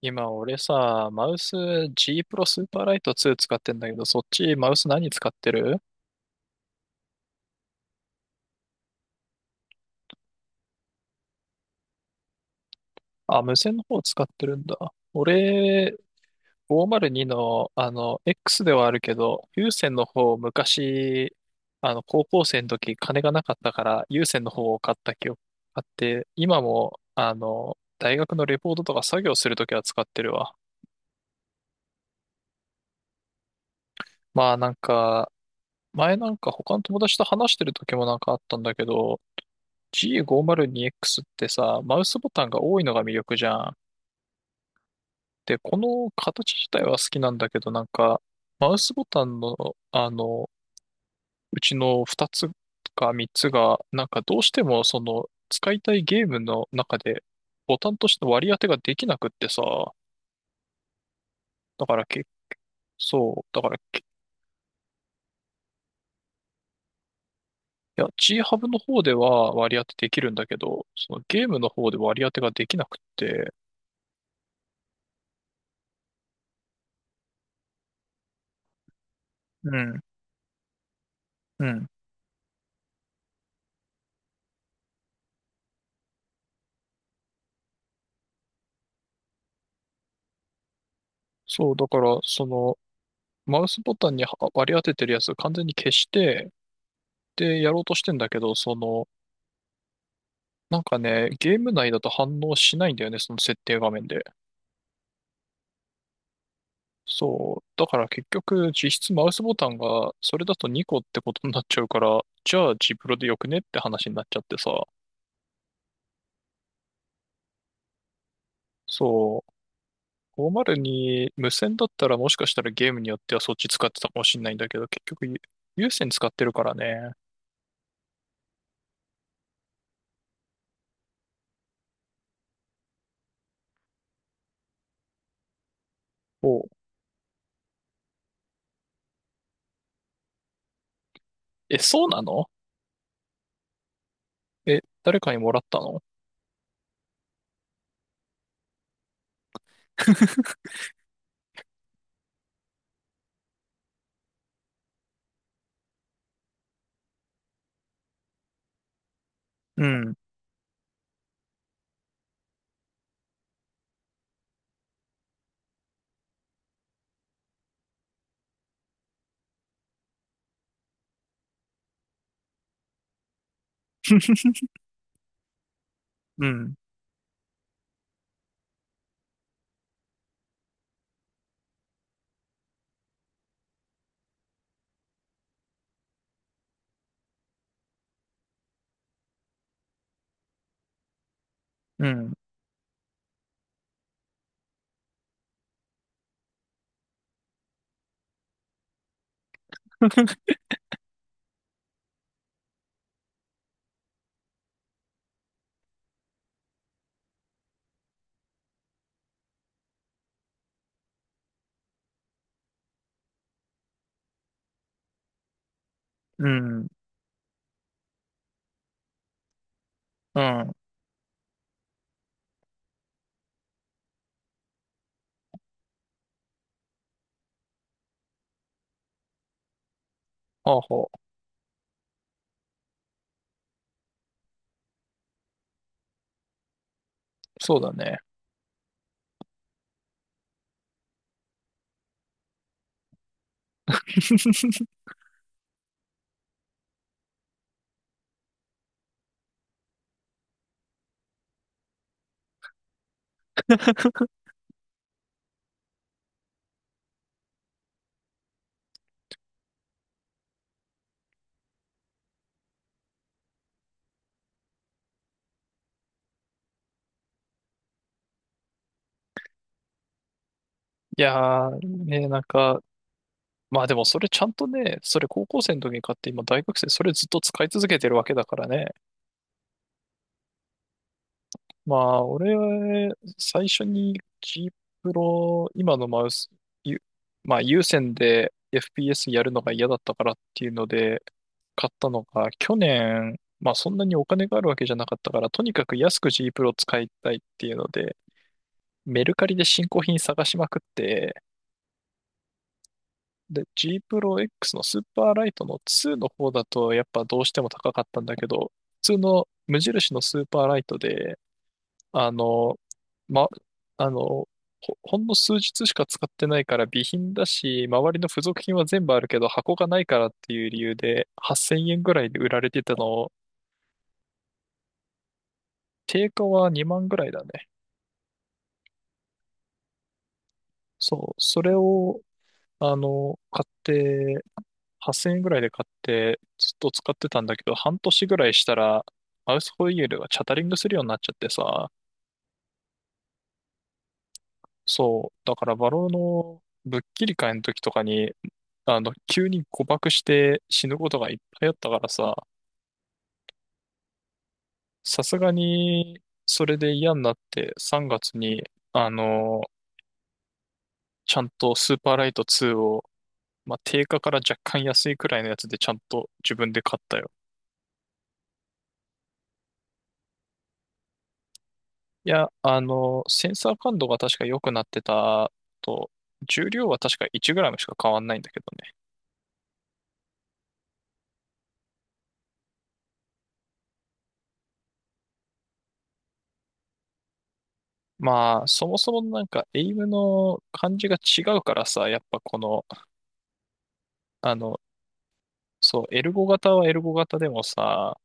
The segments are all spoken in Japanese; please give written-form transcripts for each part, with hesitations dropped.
今俺さ、マウス G プロスーパーライト2使ってんだけど、そっちマウス何使ってる？あ、無線の方使ってるんだ。俺、502の、X ではあるけど、有線の方、昔、高校生の時、金がなかったから、有線の方を買った記憶あって、今も、大学のレポートとか作業するときは使ってるわ。まあなんか、前なんか他の友達と話してる時もなんかあったんだけど、G502X ってさ、マウスボタンが多いのが魅力じゃん。で、この形自体は好きなんだけど、なんか、マウスボタンの、あの、うちの2つか3つが、なんかどうしてもその、使いたいゲームの中で、ボタンとしての割り当てができなくってさ、だからけ、そう、だからけ、いや、G ハブの方では割り当てできるんだけど、そのゲームの方で割り当てができなくって、うん、うん。そう、だから、その、マウスボタンには割り当ててるやつを完全に消して、で、やろうとしてんだけど、その、なんかね、ゲーム内だと反応しないんだよね、その設定画面で。そう。だから結局、実質マウスボタンが、それだと2個ってことになっちゃうから、じゃあジプロでよくねって話になっちゃってさ。そう。502無線だったらもしかしたらゲームによってはそっち使ってたかもしんないんだけど、結局有線使ってるからね。おう。え、そうなの？え、誰かにもらったの？うん。うん。うん。うん。うん。ほうほう。そうだね。いやー、ね、なんか、まあでもそれちゃんとね、それ高校生の時に買って今大学生それずっと使い続けてるわけだからね。まあ俺は最初に G プロ、今のマウス、ゆまあ有線で FPS やるのが嫌だったからっていうので買ったのが去年、まあそんなにお金があるわけじゃなかったからとにかく安く G プロ使いたいっていうのでメルカリで新興品探しまくって、で、G プロ X のスーパーライトの2の方だとやっぱどうしても高かったんだけど、普通の無印のスーパーライトで、あの、ま、あの、ほ、ほんの数日しか使ってないから備品だし、周りの付属品は全部あるけど箱がないからっていう理由で8000円ぐらいで売られてたのを、定価は2万ぐらいだね。そう、それを、買って、8000円ぐらいで買って、ずっと使ってたんだけど、半年ぐらいしたら、マウスホイールがチャタリングするようになっちゃってさ、そう、だからバローのぶっきり会の時とかに、急に誤爆して死ぬことがいっぱいあったからさ、さすがに、それで嫌になって3月に、あの、ちゃんとスーパーライト2を、まあ、定価から若干安いくらいのやつでちゃんと自分で買ったよ。いや、センサー感度が確か良くなってたと、重量は確か 1g しか変わんないんだけどね。まあ、そもそもなんか、エイムの感じが違うからさ、やっぱこの、あの、そう、エルゴ型はエルゴ型でもさ、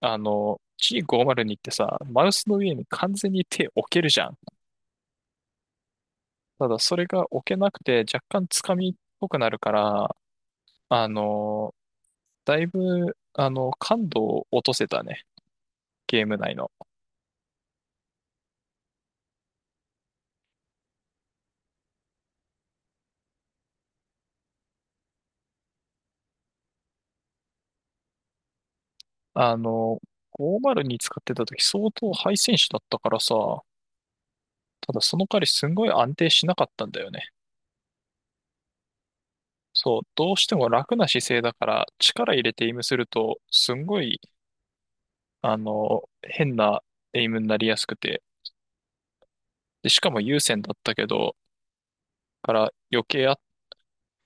G502 ってさ、マウスの上に完全に手置けるじゃん。ただ、それが置けなくて、若干つかみっぽくなるから、あの、だいぶ、感度を落とせたね、ゲーム内の。あの、502使ってた時相当ハイ選手だったからさ、ただその代わりすんごい安定しなかったんだよね。そう、どうしても楽な姿勢だから力入れてエイムするとすんごい、変なエイムになりやすくて、で、しかも優先だったけど、から余計あ、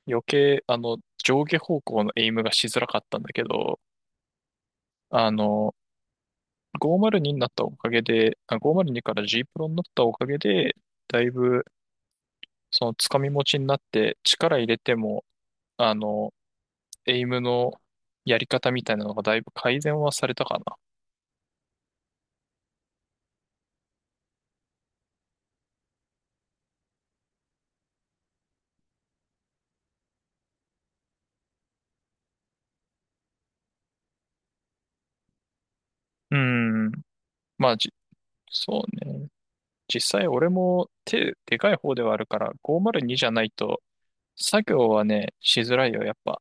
余計、上下方向のエイムがしづらかったんだけど、あの、ごー0 2にになったおかげで、502から G プロになったおかげで、だいぶそのつかみ持ちになって力入れても、あの、エイムのやり方みたいなのがだいぶ改善はされたかな。うん。まあ、そうね。実際俺も手でかい方ではあるから、502じゃないと作業はね、しづらいよ、やっぱ。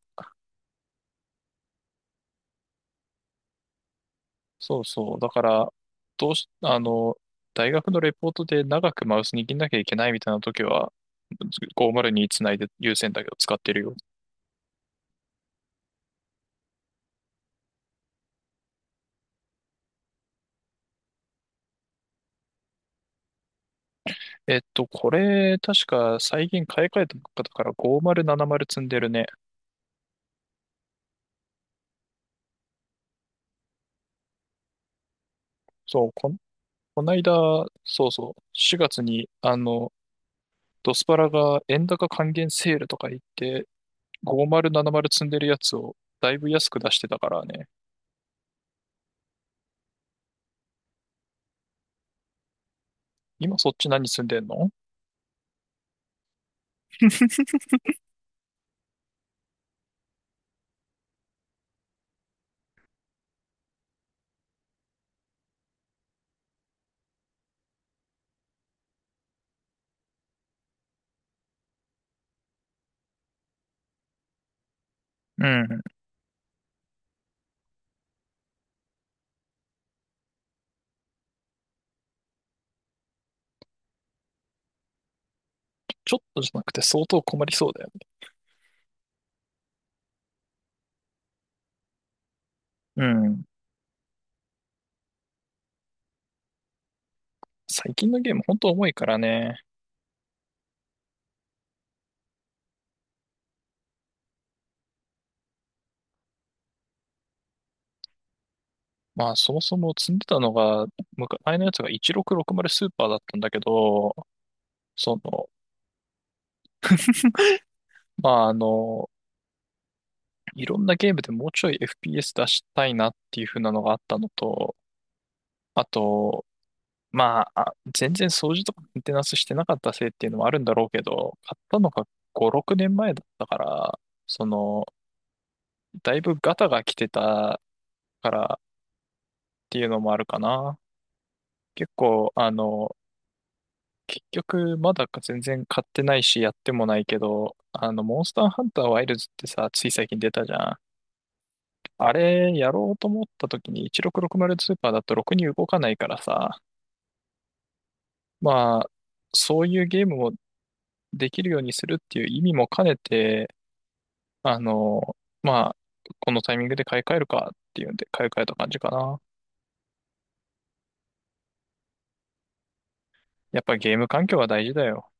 そうそう。だから、どうし、あの、大学のレポートで長くマウス握んなきゃいけないみたいな時は、5 0につないで優先だけど使ってるよ。えっと、これ、確か最近買い替えたばっかだから5070積んでるね。そう、こないだ、そうそう、4月に、ドスパラが円高還元セールとか言って、5070積んでるやつをだいぶ安く出してたからね。今そっち何積んでんの？うん。ちょっとじゃなくて相当困りそうだよね？うん。最近のゲームほんと重いからね。まあそもそも積んでたのが、昔前のやつが1660スーパーだったんだけど、その、まあいろんなゲームでもうちょい FPS 出したいなっていう風なのがあったのと、あと、まあ、全然掃除とかメンテナンスしてなかったせいっていうのもあるんだろうけど、買ったのが5、6年前だったから、その、だいぶガタが来てたからっていうのもあるかな。結構、あの、結局、まだか全然買ってないし、やってもないけど、モンスターハンターワイルズってさ、つい最近出たじゃん。あれ、やろうと思った時に1660スーパーだとろくに動かないからさ、まあ、そういうゲームをできるようにするっていう意味も兼ねて、あの、まあ、このタイミングで買い替えるかっていうんで買い替えた感じかな。やっぱゲーム環境は大事だよ。